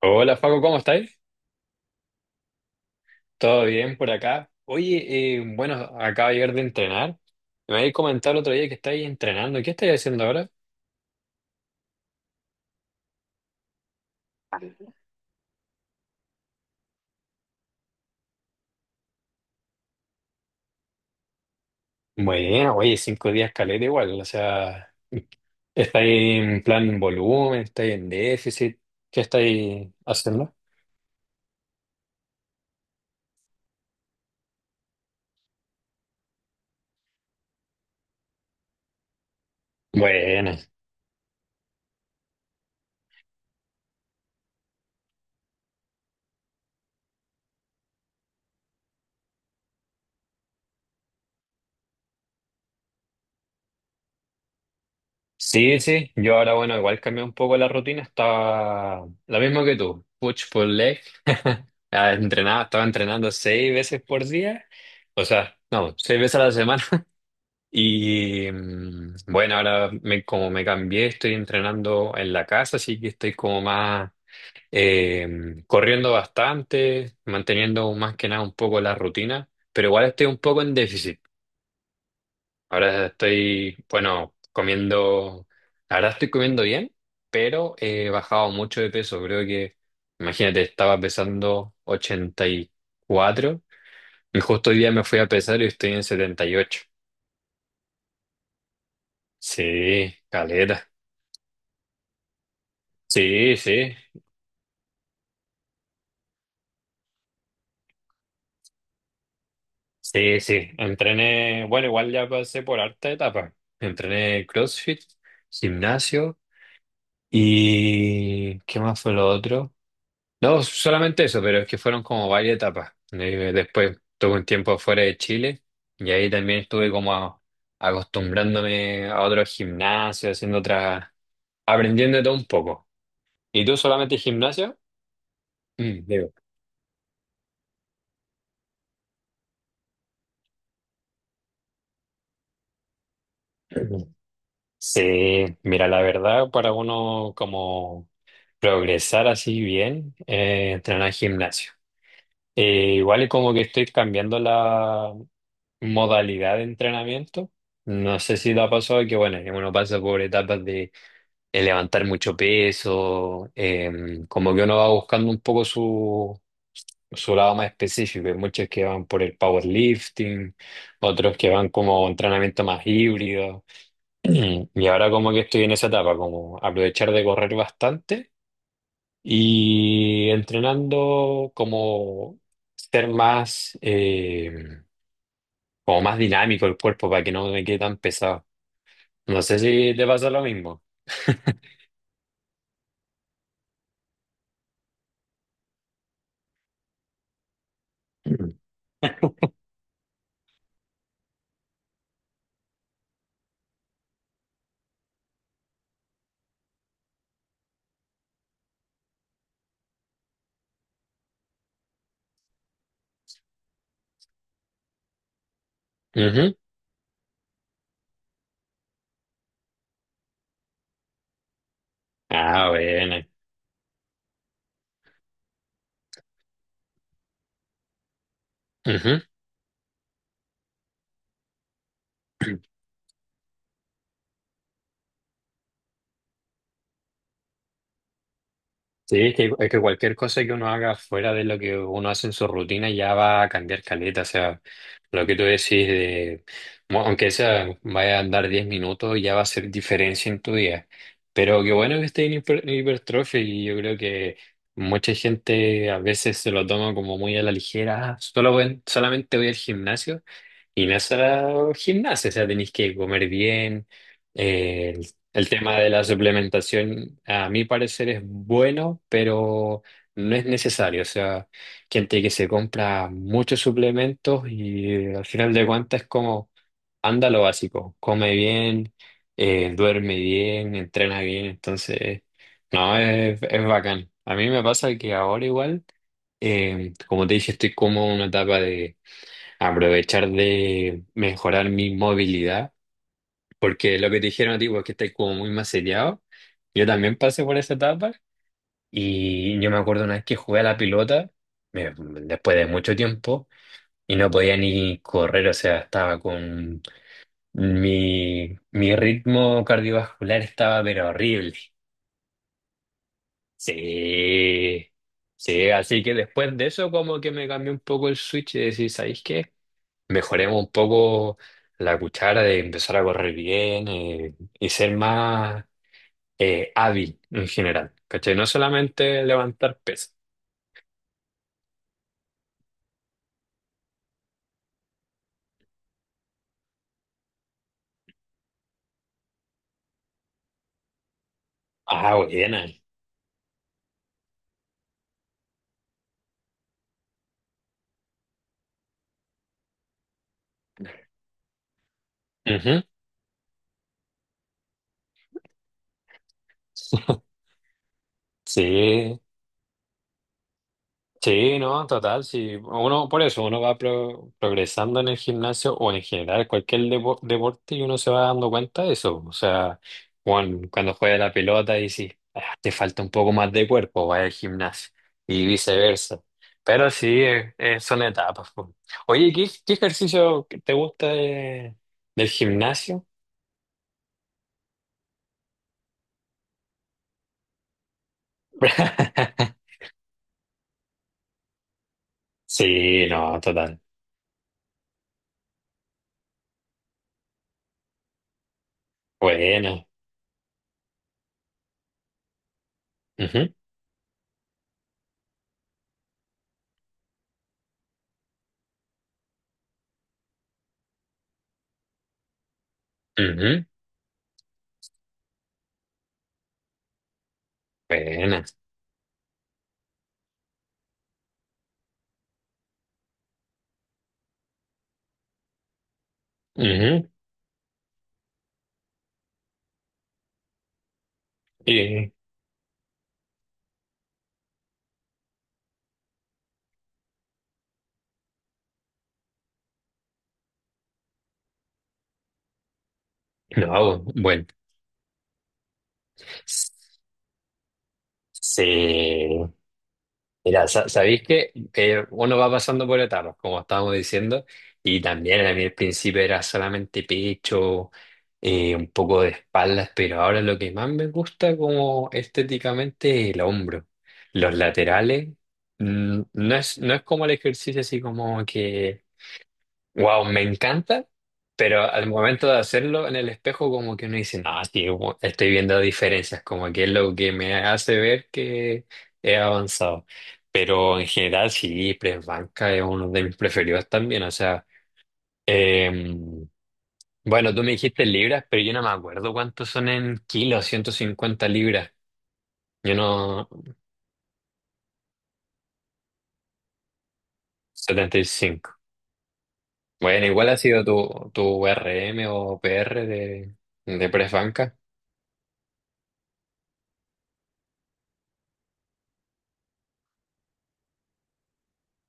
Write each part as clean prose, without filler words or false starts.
Hola Facu, ¿cómo estáis? ¿Todo bien por acá? Oye, bueno, acabo de llegar de entrenar. Me habéis comentado el otro día que estáis entrenando. ¿Qué estáis haciendo ahora? Bueno, oye, 5 días caleta igual. O sea, ¿estáis en plan en volumen? ¿Estáis en déficit? ¿Qué estáis haciendo? Bueno, sí, sí. Yo ahora, bueno, igual cambié un poco la rutina. Estaba la misma que tú. Push pull leg. Ah, estaba entrenando 6 veces por día. O sea, no, 6 veces a la semana. Y bueno, como me cambié, estoy entrenando en la casa, así que estoy como más corriendo bastante, manteniendo más que nada un poco la rutina, pero igual estoy un poco en déficit. Bueno, ahora estoy comiendo bien, pero he bajado mucho de peso. Creo que, imagínate, estaba pesando 84 y justo hoy día me fui a pesar y estoy en 78. Sí, caleta. Sí, sí, sí, sí. Entrené, bueno, igual ya pasé por harta etapa. Entrené CrossFit, gimnasio y ¿qué más fue lo otro? No, solamente eso, pero es que fueron como varias etapas. Después tuve un tiempo fuera de Chile y ahí también estuve como acostumbrándome a otros gimnasios, haciendo otras, aprendiendo de todo un poco. ¿Y tú solamente gimnasio? Mm, digo. Sí, mira, la verdad, para uno como progresar así bien, entrenar gimnasio. Igual es como que estoy cambiando la modalidad de entrenamiento. No sé si te ha pasado que, bueno, que uno pasa por etapas de, levantar mucho peso, como que uno va buscando un poco su lado más específico. Hay muchos que van por el powerlifting, otros que van como entrenamiento más híbrido. Y ahora como que estoy en esa etapa, como aprovechar de correr bastante y entrenando como ser más, como más dinámico el cuerpo para que no me quede tan pesado. No sé si te pasa lo mismo. Ujú. Ah, bueno. Ujú. Sí, es que cualquier cosa que uno haga fuera de lo que uno hace en su rutina ya va a cambiar caleta. O sea, lo que tú decís de, aunque sea, vaya a andar 10 minutos, ya va a hacer diferencia en tu día. Pero qué bueno que esté en hipertrofia, y yo creo que mucha gente a veces se lo toma como muy a la ligera. "Ah, solamente voy al gimnasio". Y no es solo gimnasia, o sea, tenéis que comer bien, eh, el tema de la suplementación, a mi parecer, es bueno, pero no es necesario. O sea, gente que se compra muchos suplementos y al final de cuentas es como, anda lo básico, come bien, duerme bien, entrena bien. Entonces, no, es bacán. A mí me pasa que ahora igual, como te dije, estoy como en una etapa de aprovechar de mejorar mi movilidad. Porque lo que te dijeron a ti, porque estás como muy maceteado, yo también pasé por esa etapa y yo me acuerdo una vez que jugué a la pelota, después de mucho tiempo, y no podía ni correr, o sea, estaba con mi ritmo cardiovascular estaba pero horrible. Sí, sí, así que después de eso como que me cambió un poco el switch y decir, ¿sabéis qué? Mejoremos un poco la cuchara de empezar a correr bien, y ser más... hábil en general, ¿cachai? No solamente levantar pesas. Ah, buena. Ujú. Sí, sí, no, total, sí. Uno, por eso, uno va progresando en el gimnasio o en general cualquier deporte y uno se va dando cuenta de eso. O sea, cuando juega la pelota y si te falta un poco más de cuerpo, va al gimnasio y viceversa. Pero sí, son etapas, po. Oye, qué ejercicio que te gusta del gimnasio? Sí, no, total. Bueno. Ujú, ujú. Buena. Ujú. Y- no, bueno. Sí. Mira, sabéis que, uno va pasando por etapas, como estábamos diciendo, y también a mí al principio era solamente pecho, un poco de espaldas, pero ahora lo que más me gusta como estéticamente es el hombro. Los laterales, mm, no es como el ejercicio así como que wow, me encanta, pero al momento de hacerlo en el espejo como que uno dice, no, sí, estoy viendo diferencias, como que es lo que me hace ver que he avanzado. Pero en general sí, Press Banca es uno de mis preferidos también, o sea, em, bueno, tú me dijiste en libras, pero yo no me acuerdo cuántos son en kilos, 150 libras, yo no, 75. Bueno, igual ha sido tu R M o P R de Press Banca.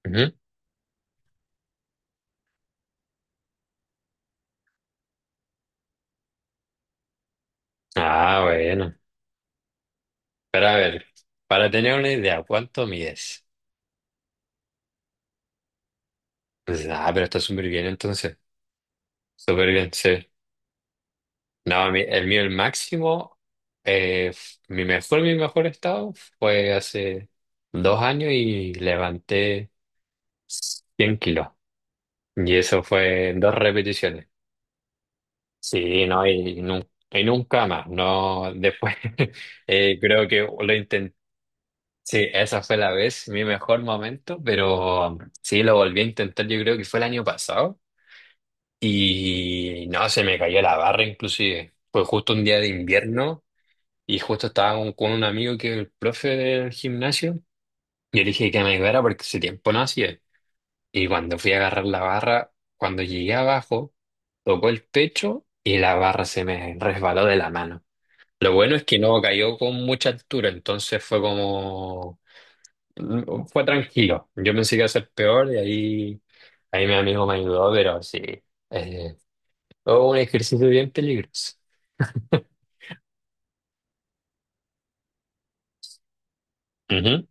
Ujú. Ah, bueno. Pero a ver, para tener una idea, ¿cuánto mides? Pues, ah, pero está súper bien entonces. Súper bien, sí. No, el mío, el máximo, mi mi mejor estado fue hace 2 años y levanté 100 kilos. Y eso fue en 2 repeticiones. Sí, no, y nunca más. No, después creo que lo intenté. Sí, esa fue la vez, mi mejor momento, pero sí, lo volví a intentar, yo creo que fue el año pasado. Y no, se me cayó la barra inclusive. Fue justo un día de invierno y justo estaba con un amigo que es el profe del gimnasio. Yo le dije que me ayudara porque ese tiempo no hacía. Y cuando fui a agarrar la barra, cuando llegué abajo, tocó el pecho y la barra se me resbaló de la mano. Lo bueno es que no cayó con mucha altura, entonces fue como... mm, fue tranquilo. Yo pensé que iba a ser peor y ahí, ahí mi amigo me ayudó, pero sí. eh, o un ejercicio bien peligroso. Ujú.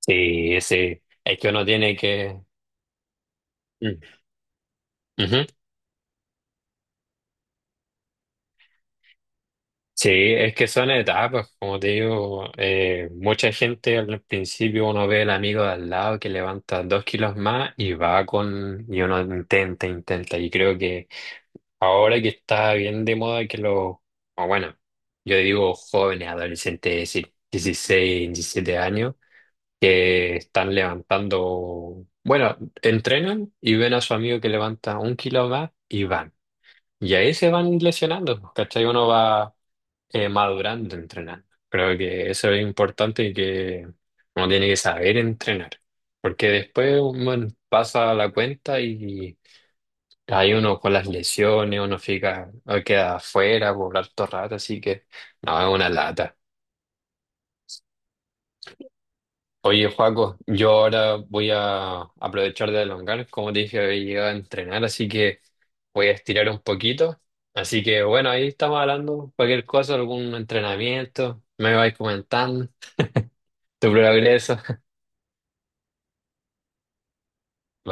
Sí, sí, es que uno tiene que... Mm. Ujú. Sí, es que son etapas, como te digo, mucha gente al principio uno ve el amigo de al lado que levanta 2 kilos más y va con... y uno intenta, intenta, y creo que ahora que está bien de moda que lo... o bueno, yo digo jóvenes, adolescentes, es decir, 16 17 años que están levantando, bueno, entrenan y ven a su amigo que levanta un kilo más y van. Y ahí se van lesionando, pues, ¿cachai? Uno va madurando entrenando. Creo que eso es importante y que uno tiene que saber entrenar, porque después uno pasa la cuenta y hay uno con las lesiones, uno fica, queda afuera por harto rato, así que no, es una lata. Oye, Joaco, yo ahora voy a aprovechar de elongar. Como te dije, he llegado a entrenar, así que voy a estirar un poquito. Así que bueno, ahí estamos hablando. Cualquier cosa, algún entrenamiento, me vais comentando tu progreso.